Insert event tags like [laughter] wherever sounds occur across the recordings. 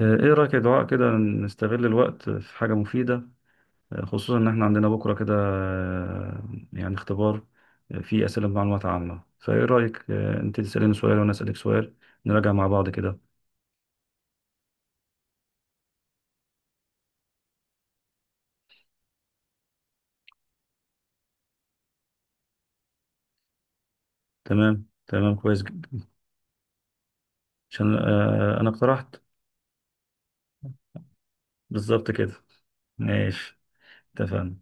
ايه رأيك يا دعاء كده نستغل الوقت في حاجة مفيدة. خصوصا ان احنا عندنا بكرة كده، يعني اختبار. فيه أسئلة معلومات عامة، فايه رأيك؟ انت تسأليني سؤال وانا أسألك سؤال، نراجع مع بعض كده. تمام، كويس جدا. عشان انا اقترحت. بالظبط كده. ماشي. اتفقنا.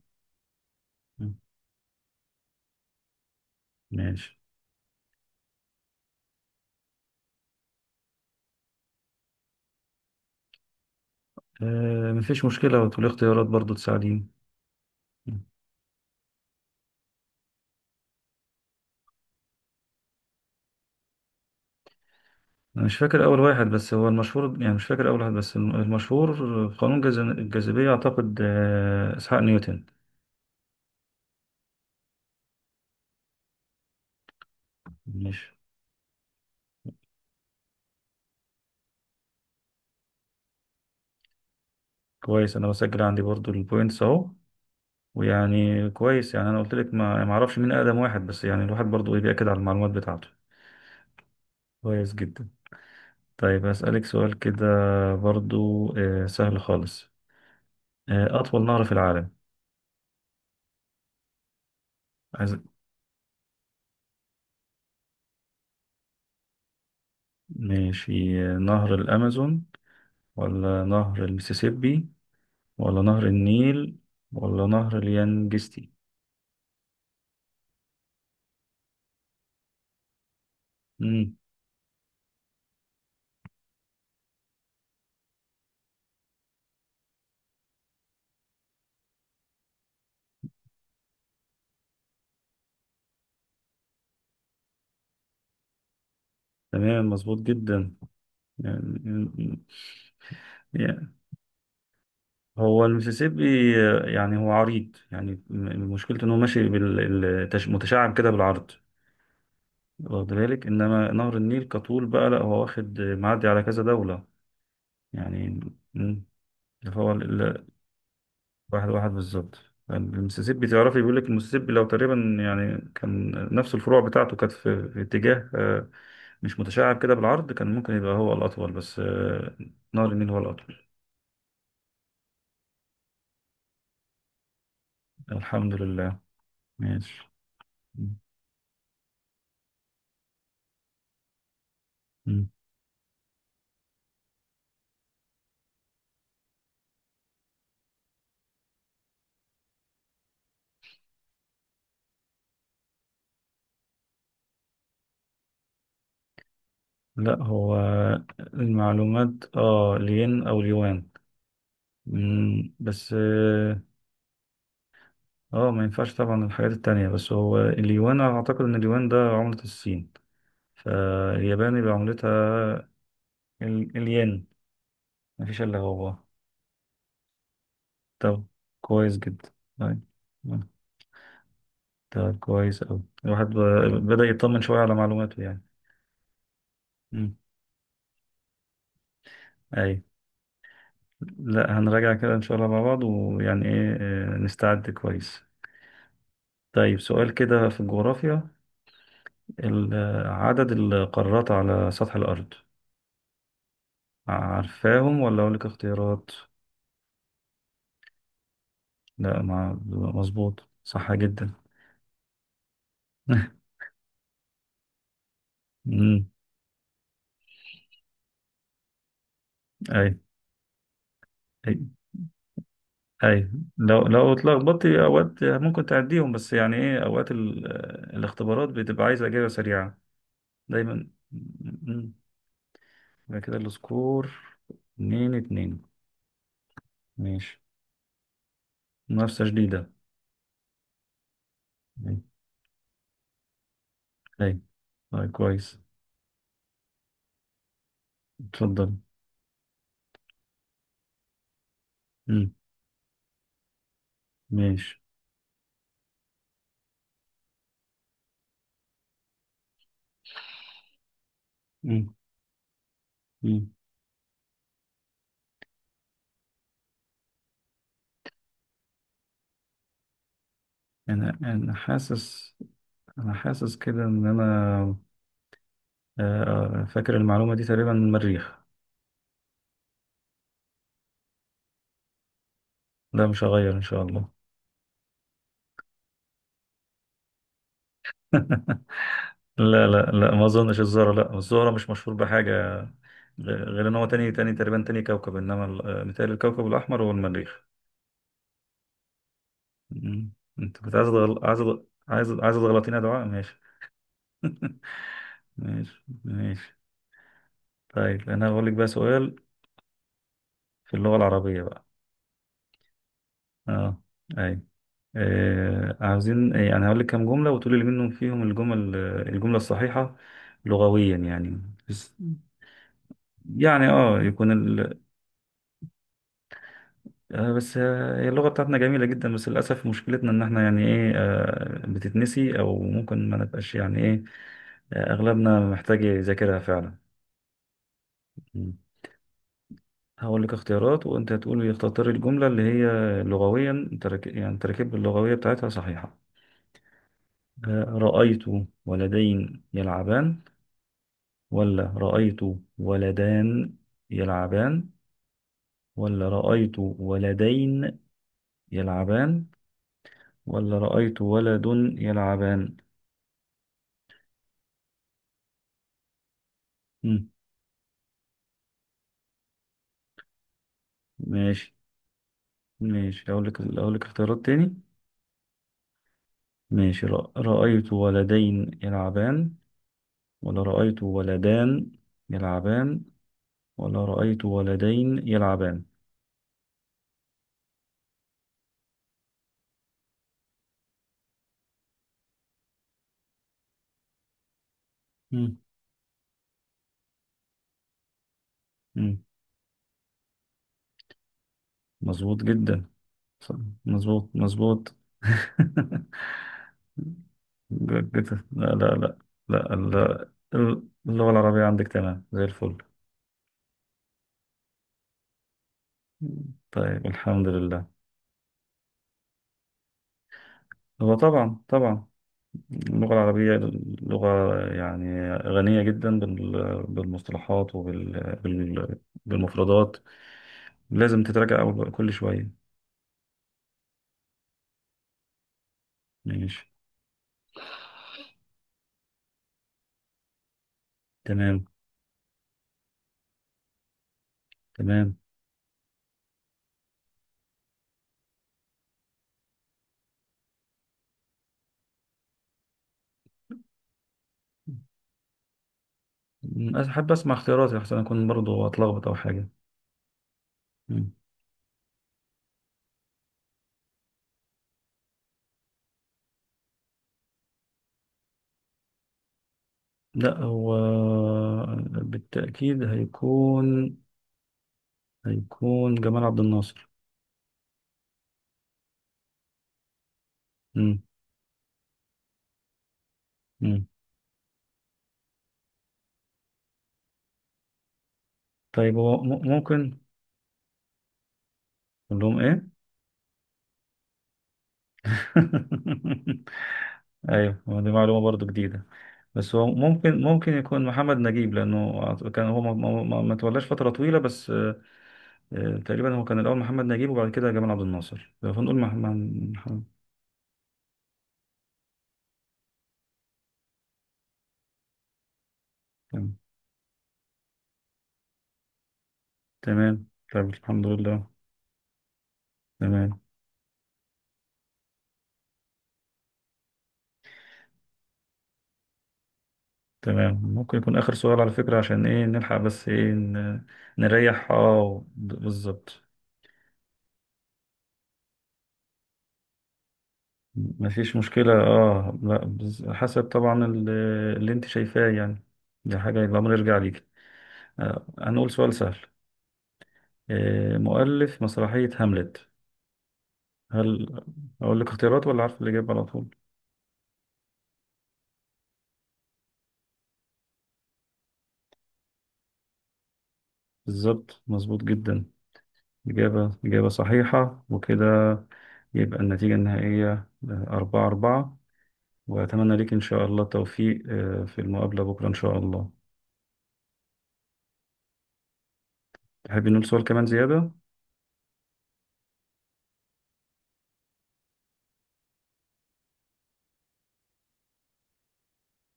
ماشي. مفيش مشكلة، وتقولي اختيارات برضو تساعديني. أنا مش فاكر أول واحد، بس هو المشهور، يعني مش فاكر أول واحد، بس المشهور في قانون الجاذبية. أعتقد إسحاق نيوتن. مش كويس، أنا بسجل عندي برضو البوينتس أهو. ويعني كويس، يعني أنا قلت لك ما يعني ما أعرفش مين أقدم واحد، بس يعني الواحد برضو إيه بيأكد على المعلومات بتاعته. كويس جدا. طيب هسألك سؤال كده برضو، سهل خالص. أطول نهر في العالم. عايز؟ ماشي، نهر الأمازون، ولا نهر المسيسيبي، ولا نهر النيل، ولا نهر اليانجستي؟ مم. تمام، مظبوط جدا. يعني، يعني هو المسيسيبي يعني هو عريض، يعني مشكلته ان هو ماشي بالمتشعب كده بالعرض. واخد بالك؟ انما نهر النيل كطول بقى لا، هو واخد معدي على كذا دولة. يعني مم. فهو واحد واحد بالظبط. المسيسيبي تعرفي، بيقول لك المسيسيبي لو تقريبا يعني كان نفس الفروع بتاعته كانت في اتجاه مش متشعب كده بالعرض، كان ممكن يبقى هو الأطول، بس نهر النيل هو الأطول. الحمد لله. ماشي. مم. لا هو المعلومات، اه لين أو اليوان. مم، بس اه ما ينفعش طبعا الحاجات التانية، بس هو اليوان أنا أعتقد إن اليوان ده عملة الصين، فاليابان يبقى عملتها الين. مفيش إلا هو. طب كويس جدا. طيب. مم. طب كويس أوي، الواحد بدأ يطمن شوية على معلوماته يعني. مم. أي. لا هنراجع كده إن شاء الله مع بعض، ويعني إيه نستعد كويس. طيب سؤال كده في الجغرافيا. عدد القارات على سطح الأرض، عارفاهم ولا أقول لك اختيارات؟ لا مع مظبوط، صح جدا. [laughs] مم. أي. اي، لو لو اتلخبطتي اوقات ممكن تعديهم، بس يعني ايه اوقات الاختبارات بتبقى عايزه اجابه سريعه دايما. مم. يبقى كده السكور اتنين اتنين. ماشي. منافسه شديده. اي. اي. طيب كويس. اتفضل. مم. ماشي. مم. مم. انا حاسس، انا حاسس كده ان انا آه، فاكر المعلومه دي تقريبا من المريخ. لا مش هغير ان شاء الله. [laughs] لا لا لا، ما اظنش الزهرة، لا الزهرة مش مشهور بحاجة، غير ان هو تاني، تقريبا تاني كوكب، انما متهيألي الكوكب الاحمر هو المريخ. مم. انت كنت عايز تغلطينا يا دعاء؟ ماشي. [laughs] ماشي ماشي. طيب انا هقول لك بقى سؤال في اللغة العربية بقى. اه. اي. آه عاوزين يعني، انا هقول لك كام جملة وتقولي لي منهم فيهم الجمل، الجملة الصحيحة لغويا يعني، بس يعني اه يكون بس هي اللغة بتاعتنا جميلة جدا، بس للأسف مشكلتنا إن إحنا يعني إيه بتتنسي، أو ممكن ما نبقاش يعني إيه أغلبنا محتاج يذاكرها فعلا. مم. هقول لك اختيارات وأنت تقول لي اختار الجملة اللي هي لغويا يعني تركيب اللغوية بتاعتها صحيحة. رأيت ولدين يلعبان، ولا رأيت ولدان يلعبان، ولا رأيت ولدين يلعبان، ولا رأيت ولد يلعبان. مم. ماشي. ماشي، أقول لك اختيارات تاني. ماشي، رأيت ولدين يلعبان، ولا رأيت ولدان يلعبان، ولا رأيت ولدين يلعبان. مم. مم. مظبوط جدا. صح. مظبوط مظبوط. [laughs] جود جدا. لا لا لا. لا لا. اللغة العربية عندك تمام زي الفل. طيب الحمد لله. هو طبعا طبعا اللغة العربية لغة يعني غنية جدا بالمصطلحات وبالمفردات، لازم تتراجع كل شوية. ماشي. تمام. تمام. م، أحب أسمع اختياراتي أحسن، أكون برضو أتلخبط أو حاجة. م. لا هو بالتأكيد هيكون، هيكون جمال عبد الناصر. م. م. طيب هو ممكن أقول لهم إيه؟ [laughs] أيوه، هو دي معلومة برضو جديدة، بس هو ممكن، ممكن يكون محمد نجيب، لأنه كان هو ما تولاش فترة طويلة بس. تقريبا هو كان الأول محمد نجيب، وبعد كده جمال عبد الناصر، فنقول محمد. محمد. تمام. تمام. طيب الحمد لله. تمام. تمام، ممكن يكون آخر سؤال على فكرة، عشان إيه نلحق بس إيه نريح اه بالظبط. مفيش مشكلة اه، لا حسب طبعا اللي انت شايفاه يعني، دي حاجة الأمر يرجع ليك. هنقول سؤال سهل. مؤلف مسرحية هاملت، هل أقول لك اختيارات ولا عارف الإجابة على طول؟ بالظبط، مظبوط جدا. إجابة صحيحة، وكده يبقى النتيجة النهائية أربعة أربعة. وأتمنى ليك إن شاء الله التوفيق في المقابلة بكرة إن شاء الله. تحب نقول سؤال كمان زيادة؟